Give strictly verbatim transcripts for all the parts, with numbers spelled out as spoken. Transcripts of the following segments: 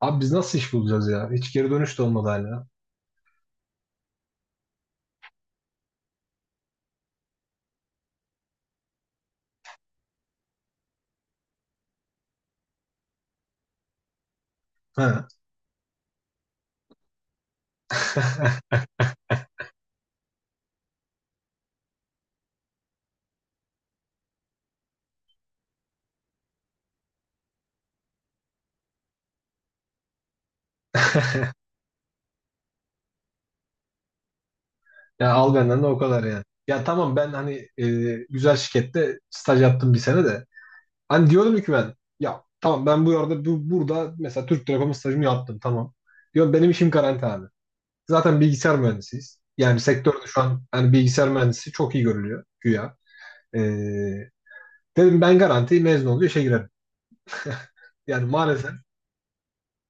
Abi biz nasıl iş bulacağız ya? Hiç geri dönüş de olmadı hala. Ha. Ya al benden de o kadar yani. Ya tamam ben hani e, güzel şirkette staj yaptım bir sene de. Hani diyordum ki ben ya tamam ben bu arada bu, burada mesela Türk Telekom'un stajımı yaptım tamam. Diyorum benim işim garanti abi. Zaten bilgisayar mühendisiyiz. Yani sektörde şu an hani bilgisayar mühendisi çok iyi görülüyor güya. E, dedim ben garanti mezun oluyor işe girerim. Yani maalesef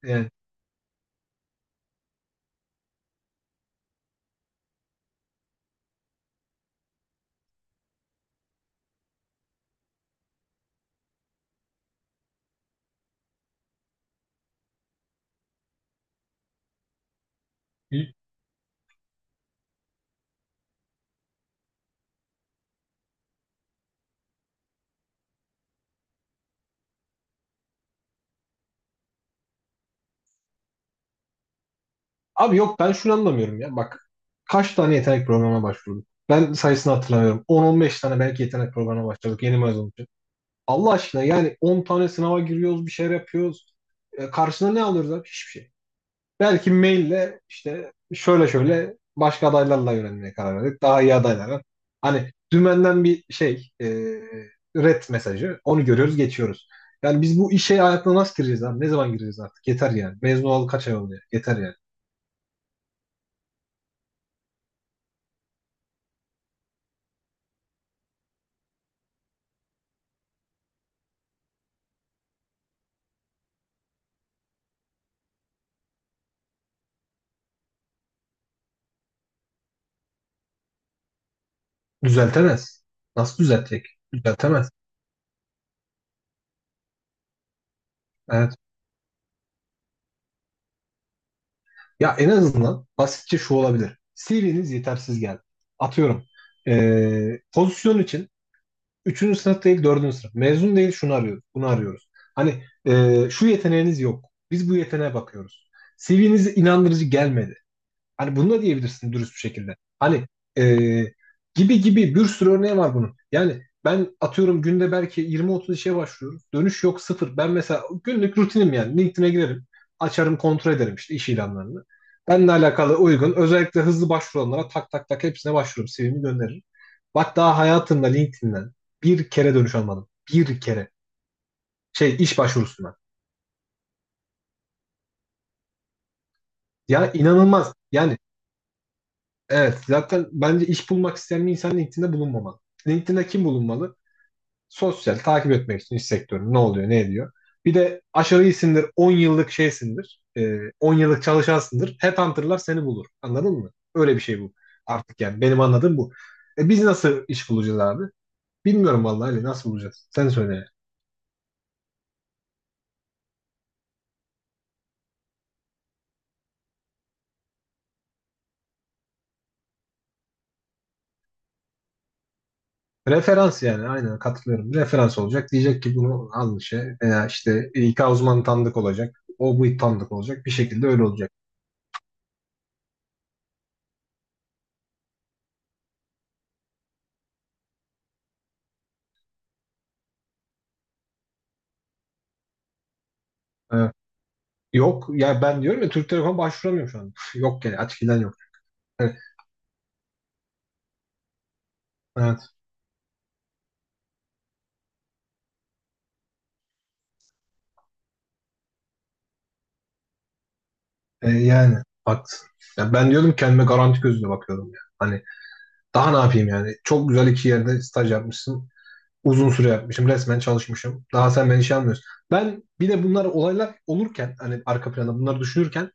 yani. Abi yok ben şunu anlamıyorum ya. Bak kaç tane yetenek programına başvurduk? Ben sayısını hatırlamıyorum. on on beş tane belki yetenek programına başladık yeni mezun için. Allah aşkına yani on tane sınava giriyoruz, bir şeyler yapıyoruz. E, karşına ne alıyoruz abi? Hiçbir şey. Belki maille işte şöyle şöyle başka adaylarla yönelmeye karar verdik. Daha iyi adaylara. Hani dümenden bir şey e, red mesajı. Onu görüyoruz geçiyoruz. Yani biz bu işe hayatına nasıl gireceğiz abi? Ne zaman gireceğiz artık? Yeter yani. Mezun olalı kaç ay oldu ya? Yeter yani. Düzeltemez. Nasıl düzeltecek? Düzeltemez. Evet. Ya en azından basitçe şu olabilir. C V'niz yetersiz geldi. Atıyorum. Ee, pozisyon için üçüncü sınıf değil dördüncü sınıf. Mezun değil şunu arıyoruz. Bunu arıyoruz. Hani ee, şu yeteneğiniz yok. Biz bu yeteneğe bakıyoruz. C V'niz inandırıcı gelmedi. Hani bunu da diyebilirsin dürüst bir şekilde. Hani e, gibi gibi bir sürü örneği var bunun. Yani ben atıyorum günde belki yirmi otuz işe başvuruyorum. Dönüş yok sıfır. Ben mesela günlük rutinim yani. LinkedIn'e girerim. Açarım kontrol ederim işte iş ilanlarını. Benimle alakalı uygun özellikle hızlı başvuranlara tak tak tak hepsine başvururum. C V'mi gönderirim. Bak daha hayatımda LinkedIn'den bir kere dönüş almadım. Bir kere. Şey iş başvurusundan. Ya inanılmaz. Yani. Evet, zaten bence iş bulmak isteyen bir insan LinkedIn'de bulunmamalı. LinkedIn'de kim bulunmalı? Sosyal, takip etmek için iş sektörü ne oluyor, ne ediyor. Bir de aşırı iyisindir, on yıllık şeysindir, e, on yıllık çalışansındır. Headhunter'lar seni bulur. Anladın mı? Öyle bir şey bu artık yani. Benim anladığım bu. E, biz nasıl iş bulacağız abi? Bilmiyorum vallahi Ali, nasıl bulacağız? Sen söyle. Referans yani aynen katılıyorum. Referans olacak. Diyecek ki bunu almış ya. Veya işte İK uzmanı tanıdık olacak. O bu tanıdık olacak. Bir şekilde öyle olacak. E, Yok ya ben diyorum ya Türk Telekom başvuramıyorum şu an. Yok yani açık ilan yok. Evet, evet. E, yani haklısın. Ya ben diyordum kendime garanti gözüyle bakıyordum ya. Hani daha ne yapayım yani? Çok güzel iki yerde staj yapmışsın. Uzun süre yapmışım. Resmen çalışmışım. Daha sen beni şey almıyorsun. Ben bir de bunlar olaylar olurken hani arka planda bunları düşünürken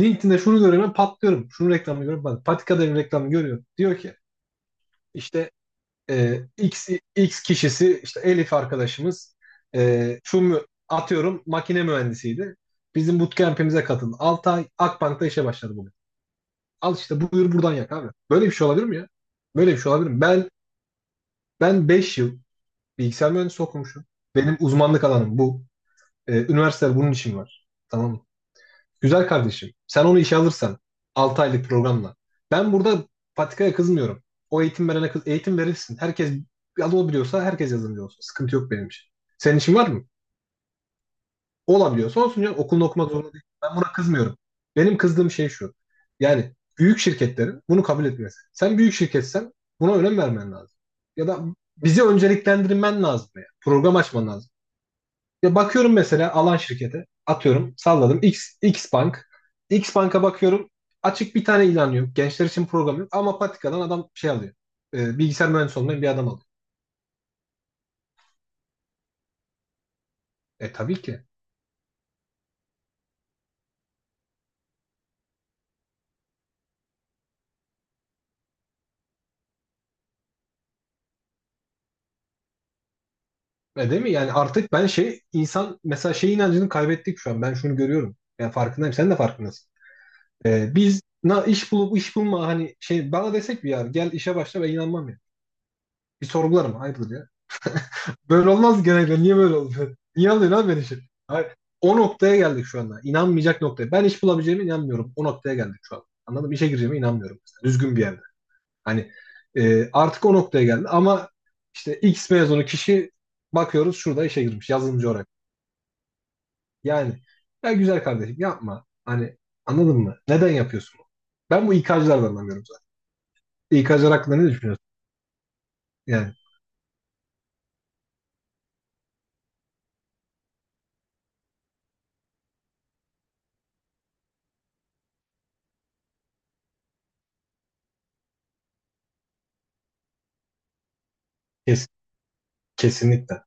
LinkedIn'de şunu görüyorum ben patlıyorum. Şunun reklamını görüyorum. Ben Patika Devi reklamını görüyorum. Diyor ki işte E, X, X kişisi işte Elif arkadaşımız e, şu mü- atıyorum makine mühendisiydi. Bizim bootcamp'imize katıldı. altı ay Akbank'ta işe başladı bugün. Al işte buyur buradan yak abi. Böyle bir şey olabilir mi ya? Böyle bir şey olabilir mi? Ben ben beş yıl bilgisayar mühendisi okumuşum. Benim uzmanlık alanım bu. E, üniversiteler bunun için var. Tamam mı? Güzel kardeşim. Sen onu işe alırsan altı aylık programla. Ben burada Patika'ya kızmıyorum. O eğitim verene kız eğitim verirsin. Herkes yazılı biliyorsa herkes yazılımcı olsun. Sıkıntı yok benim için. Senin için var mı? Olabiliyorsa olsun canım. Okulunu okumak zorunda değil. Ben buna kızmıyorum. Benim kızdığım şey şu. Yani büyük şirketlerin bunu kabul etmesi. Sen büyük şirketsen buna önem vermen lazım. Ya da bizi önceliklendirmen lazım. Yani. Program açman lazım. Ya bakıyorum mesela alan şirkete atıyorum salladım X, X Bank. X Bank'a bakıyorum açık bir tane ilan yok. Gençler için program yok ama patikadan adam şey alıyor. E, bilgisayar mühendisi olmayan bir adam alıyor. E tabii ki. E değil mi? Yani artık ben şey insan mesela şey inancını kaybettik şu an. Ben şunu görüyorum. Yani farkındayım. Sen de farkındasın. E, biz na, iş bulup iş bulma hani şey bana desek bir yer gel işe başla ben inanmam ya. Bir sorgularım hayırdır ya. Böyle olmaz genelde. Niye böyle oldu? Niye alıyorsun abi beni işi? Hayır, o noktaya geldik şu anda. İnanmayacak noktaya. Ben iş bulabileceğime inanmıyorum. O noktaya geldik şu an. Anladım. İşe gireceğime inanmıyorum mesela. Düzgün bir yerde. Hani e, artık o noktaya geldi. Ama işte X mezunu kişi bakıyoruz şurada işe girmiş yazılımcı olarak. Yani ya güzel kardeşim yapma. Hani anladın mı? Neden yapıyorsun bunu? Ben bu İK'cılardan anlamıyorum zaten. İK'cılar hakkında ne düşünüyorsun? Yani kes- kesinlikle.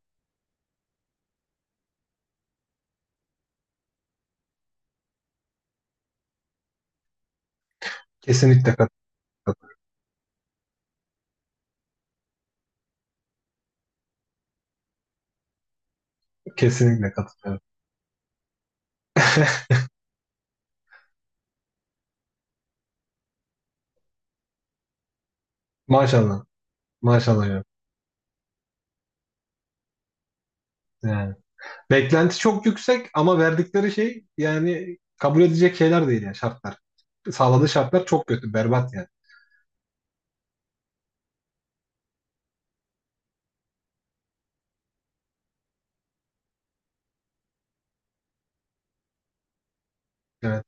Kesinlikle katılıyorum. Kesinlikle katılıyorum. Maşallah. Maşallah ya. Yani. Beklenti çok yüksek ama verdikleri şey yani kabul edecek şeyler değil yani şartlar. Sağladığı şartlar çok kötü, berbat yani. Evet.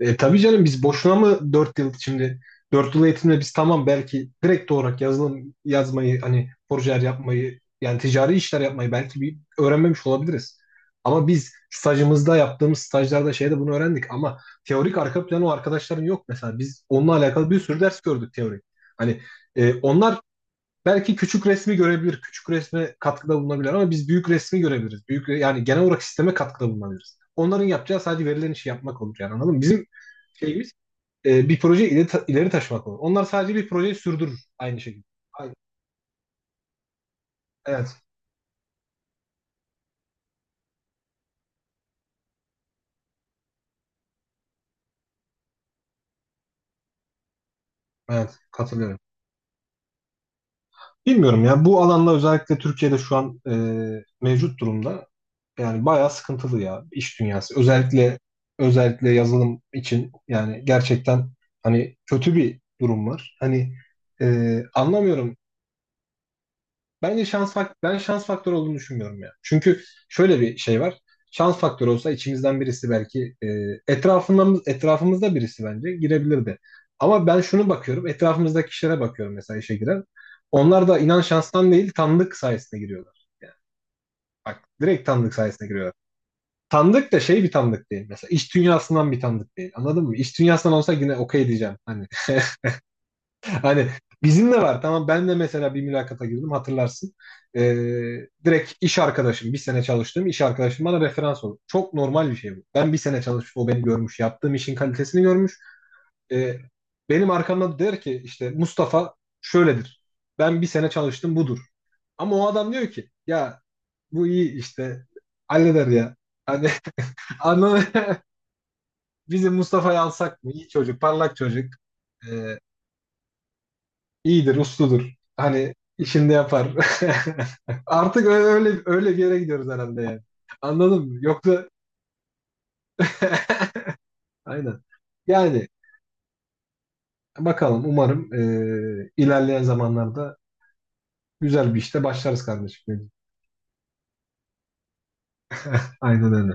E, tabii canım biz boşuna mı dört yıl şimdi dört yıl eğitimde biz tamam belki direkt olarak yazılım yazmayı hani projeler yapmayı yani ticari işler yapmayı belki bir öğrenmemiş olabiliriz. Ama biz stajımızda yaptığımız stajlarda şeyde bunu öğrendik ama teorik arka planı o arkadaşların yok mesela. Biz onunla alakalı bir sürü ders gördük teorik. Hani e, onlar belki küçük resmi görebilir, küçük resme katkıda bulunabilir ama biz büyük resmi görebiliriz. Büyük yani genel olarak sisteme katkıda bulunabiliriz. Onların yapacağı sadece verilen işi yapmak olur yani anladın mı? Bizim şeyimiz e, bir proje ileri, ta- ileri taşımak olur. Onlar sadece bir projeyi sürdürür aynı şekilde. Aynen. Evet, evet katılıyorum. Bilmiyorum ya bu alanda özellikle Türkiye'de şu an e, mevcut durumda yani bayağı sıkıntılı ya iş dünyası. Özellikle özellikle yazılım için yani gerçekten hani kötü bir durum var. Hani e, anlamıyorum. Bence şans fak ben şans faktörü olduğunu düşünmüyorum ya. Çünkü şöyle bir şey var. Şans faktörü olsa içimizden birisi belki e, etrafından etrafımızda birisi bence girebilirdi. Ama ben şunu bakıyorum. Etrafımızdaki kişilere bakıyorum mesela işe giren. Onlar da inan şanstan değil tanıdık sayesinde giriyorlar. Yani bak direkt tanıdık sayesinde giriyorlar. Tanıdık da şey bir tanıdık değil. Mesela iş dünyasından bir tanıdık değil. Anladın mı? İş dünyasından olsa yine okey diyeceğim. Hani Hani bizim de var. Tamam ben de mesela bir mülakata girdim hatırlarsın. Ee, direkt iş arkadaşım, bir sene çalıştığım iş arkadaşım bana referans oldu. Çok normal bir şey bu. Ben bir sene çalışmış, o beni görmüş. Yaptığım işin kalitesini görmüş. Ee, benim arkamda der ki işte Mustafa şöyledir. Ben bir sene çalıştım budur. Ama o adam diyor ki ya bu iyi işte halleder ya. Hani anladın mı? bizim Mustafa'yı alsak mı? İyi çocuk, parlak çocuk. Ee, İyidir, usludur. Hani işinde yapar. Artık ö- öyle öyle bir yere gidiyoruz herhalde yani. Anladın mı? Yoksa aynen. Yani bakalım umarım eee, ilerleyen zamanlarda güzel bir işte başlarız kardeşim. Aynen öyle.